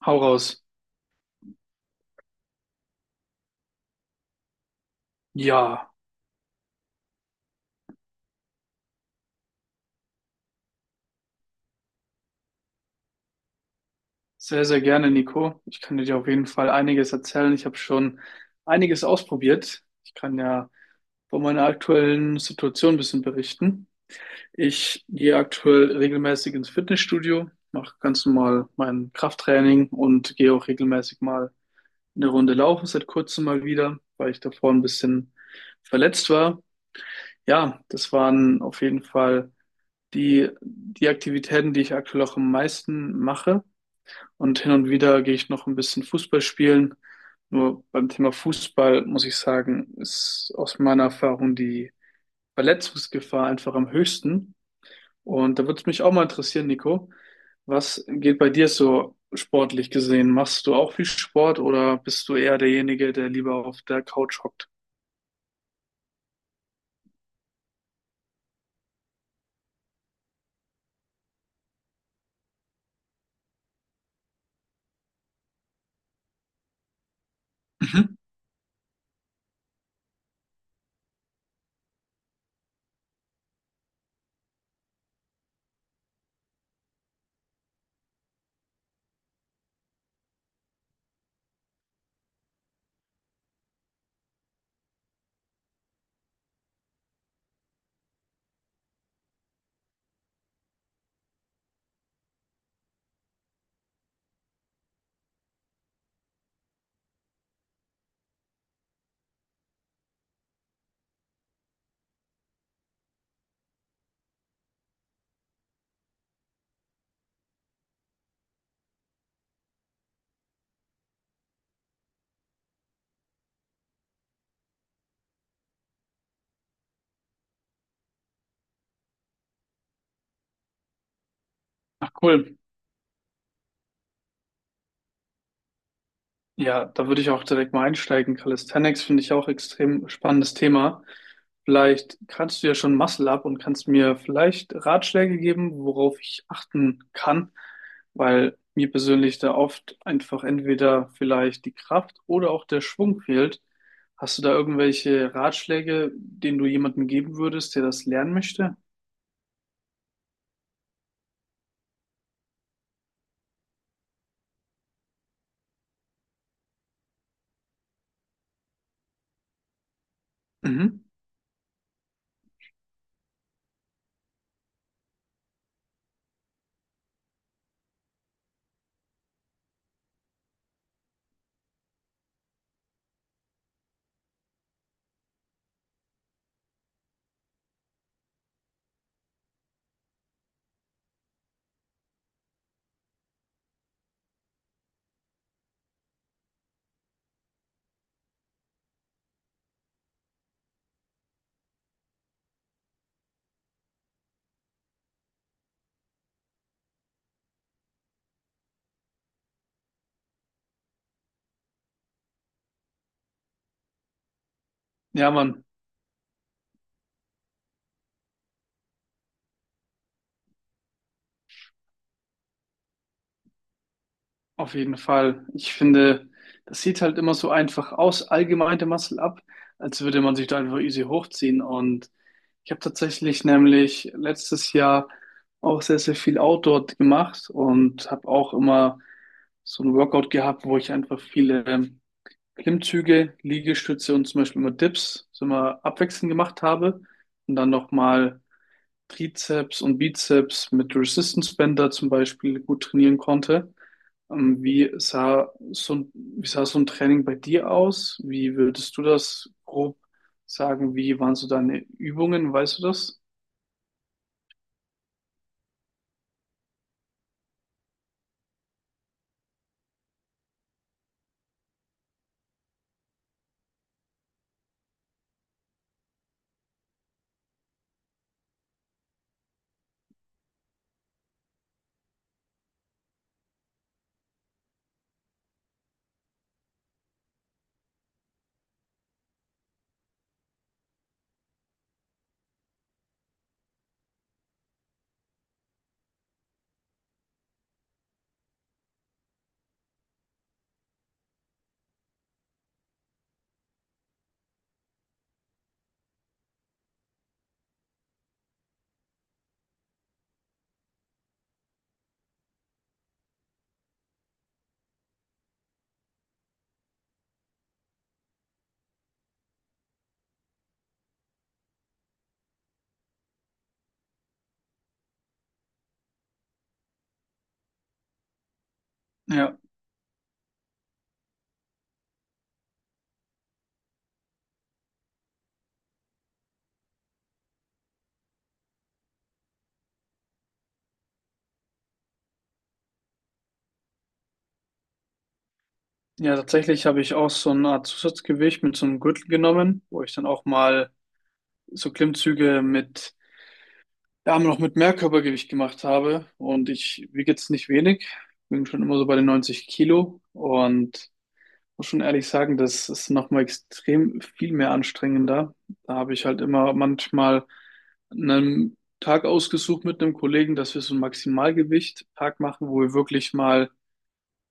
Hau raus. Ja, sehr, sehr gerne, Nico. Ich kann dir auf jeden Fall einiges erzählen. Ich habe schon einiges ausprobiert. Ich kann ja von meiner aktuellen Situation ein bisschen berichten. Ich gehe aktuell regelmäßig ins Fitnessstudio, mache ganz normal mein Krafttraining und gehe auch regelmäßig mal eine Runde laufen, seit kurzem mal wieder, weil ich davor ein bisschen verletzt war. Ja, das waren auf jeden Fall die, die Aktivitäten, die ich aktuell auch am meisten mache. Und hin und wieder gehe ich noch ein bisschen Fußball spielen. Nur beim Thema Fußball muss ich sagen, ist aus meiner Erfahrung die Verletzungsgefahr einfach am höchsten. Und da würde es mich auch mal interessieren, Nico, was geht bei dir so sportlich gesehen? Machst du auch viel Sport oder bist du eher derjenige, der lieber auf der Couch hockt? Mhm. Ach cool. Ja, da würde ich auch direkt mal einsteigen. Calisthenics finde ich auch extrem spannendes Thema. Vielleicht kannst du ja schon Muscle Up und kannst mir vielleicht Ratschläge geben, worauf ich achten kann, weil mir persönlich da oft einfach entweder vielleicht die Kraft oder auch der Schwung fehlt. Hast du da irgendwelche Ratschläge, denen du jemandem geben würdest, der das lernen möchte? Mhm. Ja, Mann. Auf jeden Fall. Ich finde, das sieht halt immer so einfach aus, allgemein der Muscle Up, als würde man sich da einfach easy hochziehen. Und ich habe tatsächlich nämlich letztes Jahr auch sehr, sehr viel Outdoor gemacht und habe auch immer so ein Workout gehabt, wo ich einfach viele Klimmzüge, Liegestütze und zum Beispiel immer Dips so immer abwechselnd gemacht habe. Und dann nochmal Trizeps und Bizeps mit Resistance Bänder zum Beispiel gut trainieren konnte. Wie sah so ein Training bei dir aus? Wie würdest du das grob sagen? Wie waren so deine Übungen? Weißt du das? Ja, ja, tatsächlich habe ich auch so eine Art Zusatzgewicht mit so einem Gürtel genommen, wo ich dann auch mal so Klimmzüge mit, ja, noch mit mehr Körpergewicht gemacht habe. Und ich wiege jetzt nicht wenig, bin schon immer so bei den 90 Kilo und muss schon ehrlich sagen, das ist nochmal extrem viel mehr anstrengender. Da habe ich halt immer manchmal einen Tag ausgesucht mit einem Kollegen, dass wir so einen Maximalgewicht-Tag machen, wo wir wirklich mal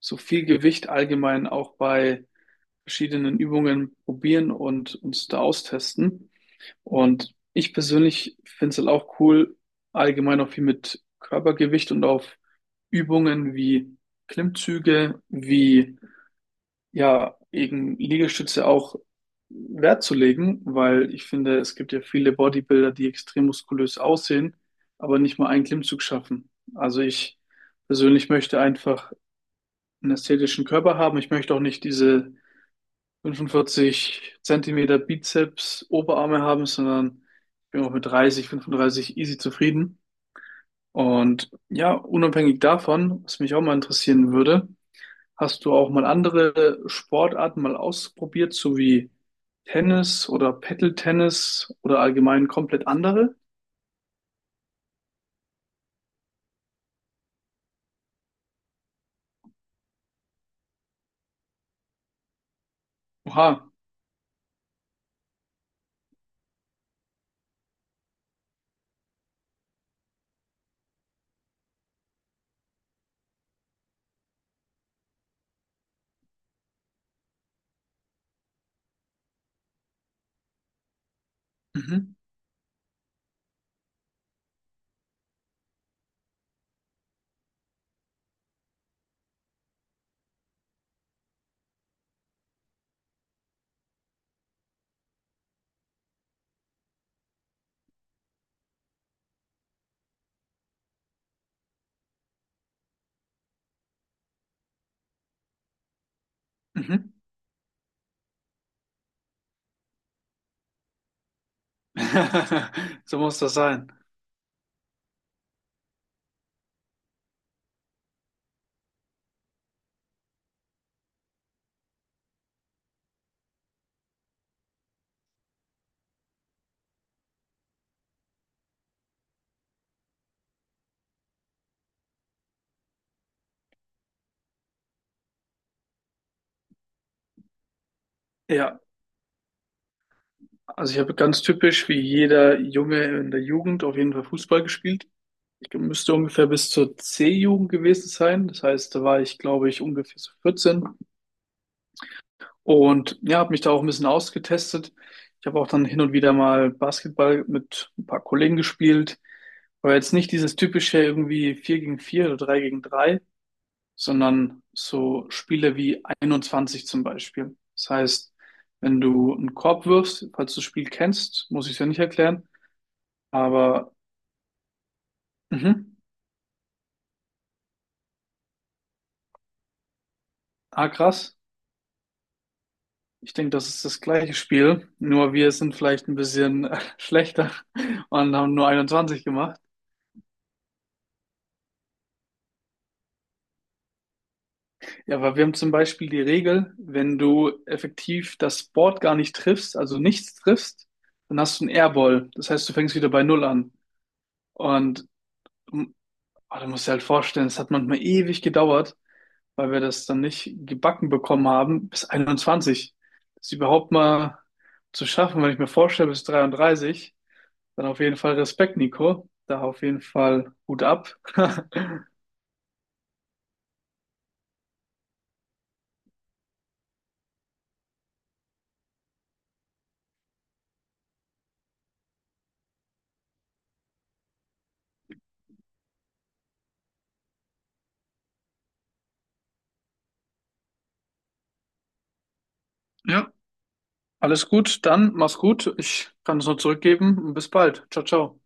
so viel Gewicht allgemein auch bei verschiedenen Übungen probieren und uns da austesten. Und ich persönlich finde es halt auch cool, allgemein auch viel mit Körpergewicht und auf Übungen wie Klimmzüge, wie ja, eben Liegestütze auch Wert zu legen, weil ich finde, es gibt ja viele Bodybuilder, die extrem muskulös aussehen, aber nicht mal einen Klimmzug schaffen. Also ich persönlich möchte einfach einen ästhetischen Körper haben. Ich möchte auch nicht diese 45 Zentimeter Bizeps, Oberarme haben, sondern ich bin auch mit 30, 35 easy zufrieden. Und ja, unabhängig davon, was mich auch mal interessieren würde, hast du auch mal andere Sportarten mal ausprobiert, so wie Tennis oder Paddle-Tennis oder allgemein komplett andere? Oha. Mhm. Mhm. So muss das sein. Ja, also ich habe ganz typisch wie jeder Junge in der Jugend auf jeden Fall Fußball gespielt. Ich müsste ungefähr bis zur C-Jugend gewesen sein. Das heißt, da war ich, glaube ich, ungefähr so 14. Und ja, habe mich da auch ein bisschen ausgetestet. Ich habe auch dann hin und wieder mal Basketball mit ein paar Kollegen gespielt. Aber jetzt nicht dieses typische irgendwie 4 gegen 4 oder 3 gegen drei, sondern so Spiele wie 21 zum Beispiel. Das heißt, wenn du einen Korb wirfst, falls du das Spiel kennst, muss ich es ja nicht erklären. Aber, mhm, ah, krass. Ich denke, das ist das gleiche Spiel, nur wir sind vielleicht ein bisschen schlechter und haben nur 21 gemacht. Ja, weil wir haben zum Beispiel die Regel, wenn du effektiv das Board gar nicht triffst, also nichts triffst, dann hast du einen Airball. Das heißt, du fängst wieder bei Null an. Und mm, ah, du musst dir halt vorstellen, es hat manchmal ewig gedauert, weil wir das dann nicht gebacken bekommen haben, bis 21. Das überhaupt mal zu schaffen, wenn ich mir vorstelle, bis 33, dann auf jeden Fall Respekt, Nico. Da auf jeden Fall Hut ab. Ja, alles gut, dann mach's gut. Ich kann es nur zurückgeben und bis bald. Ciao, ciao.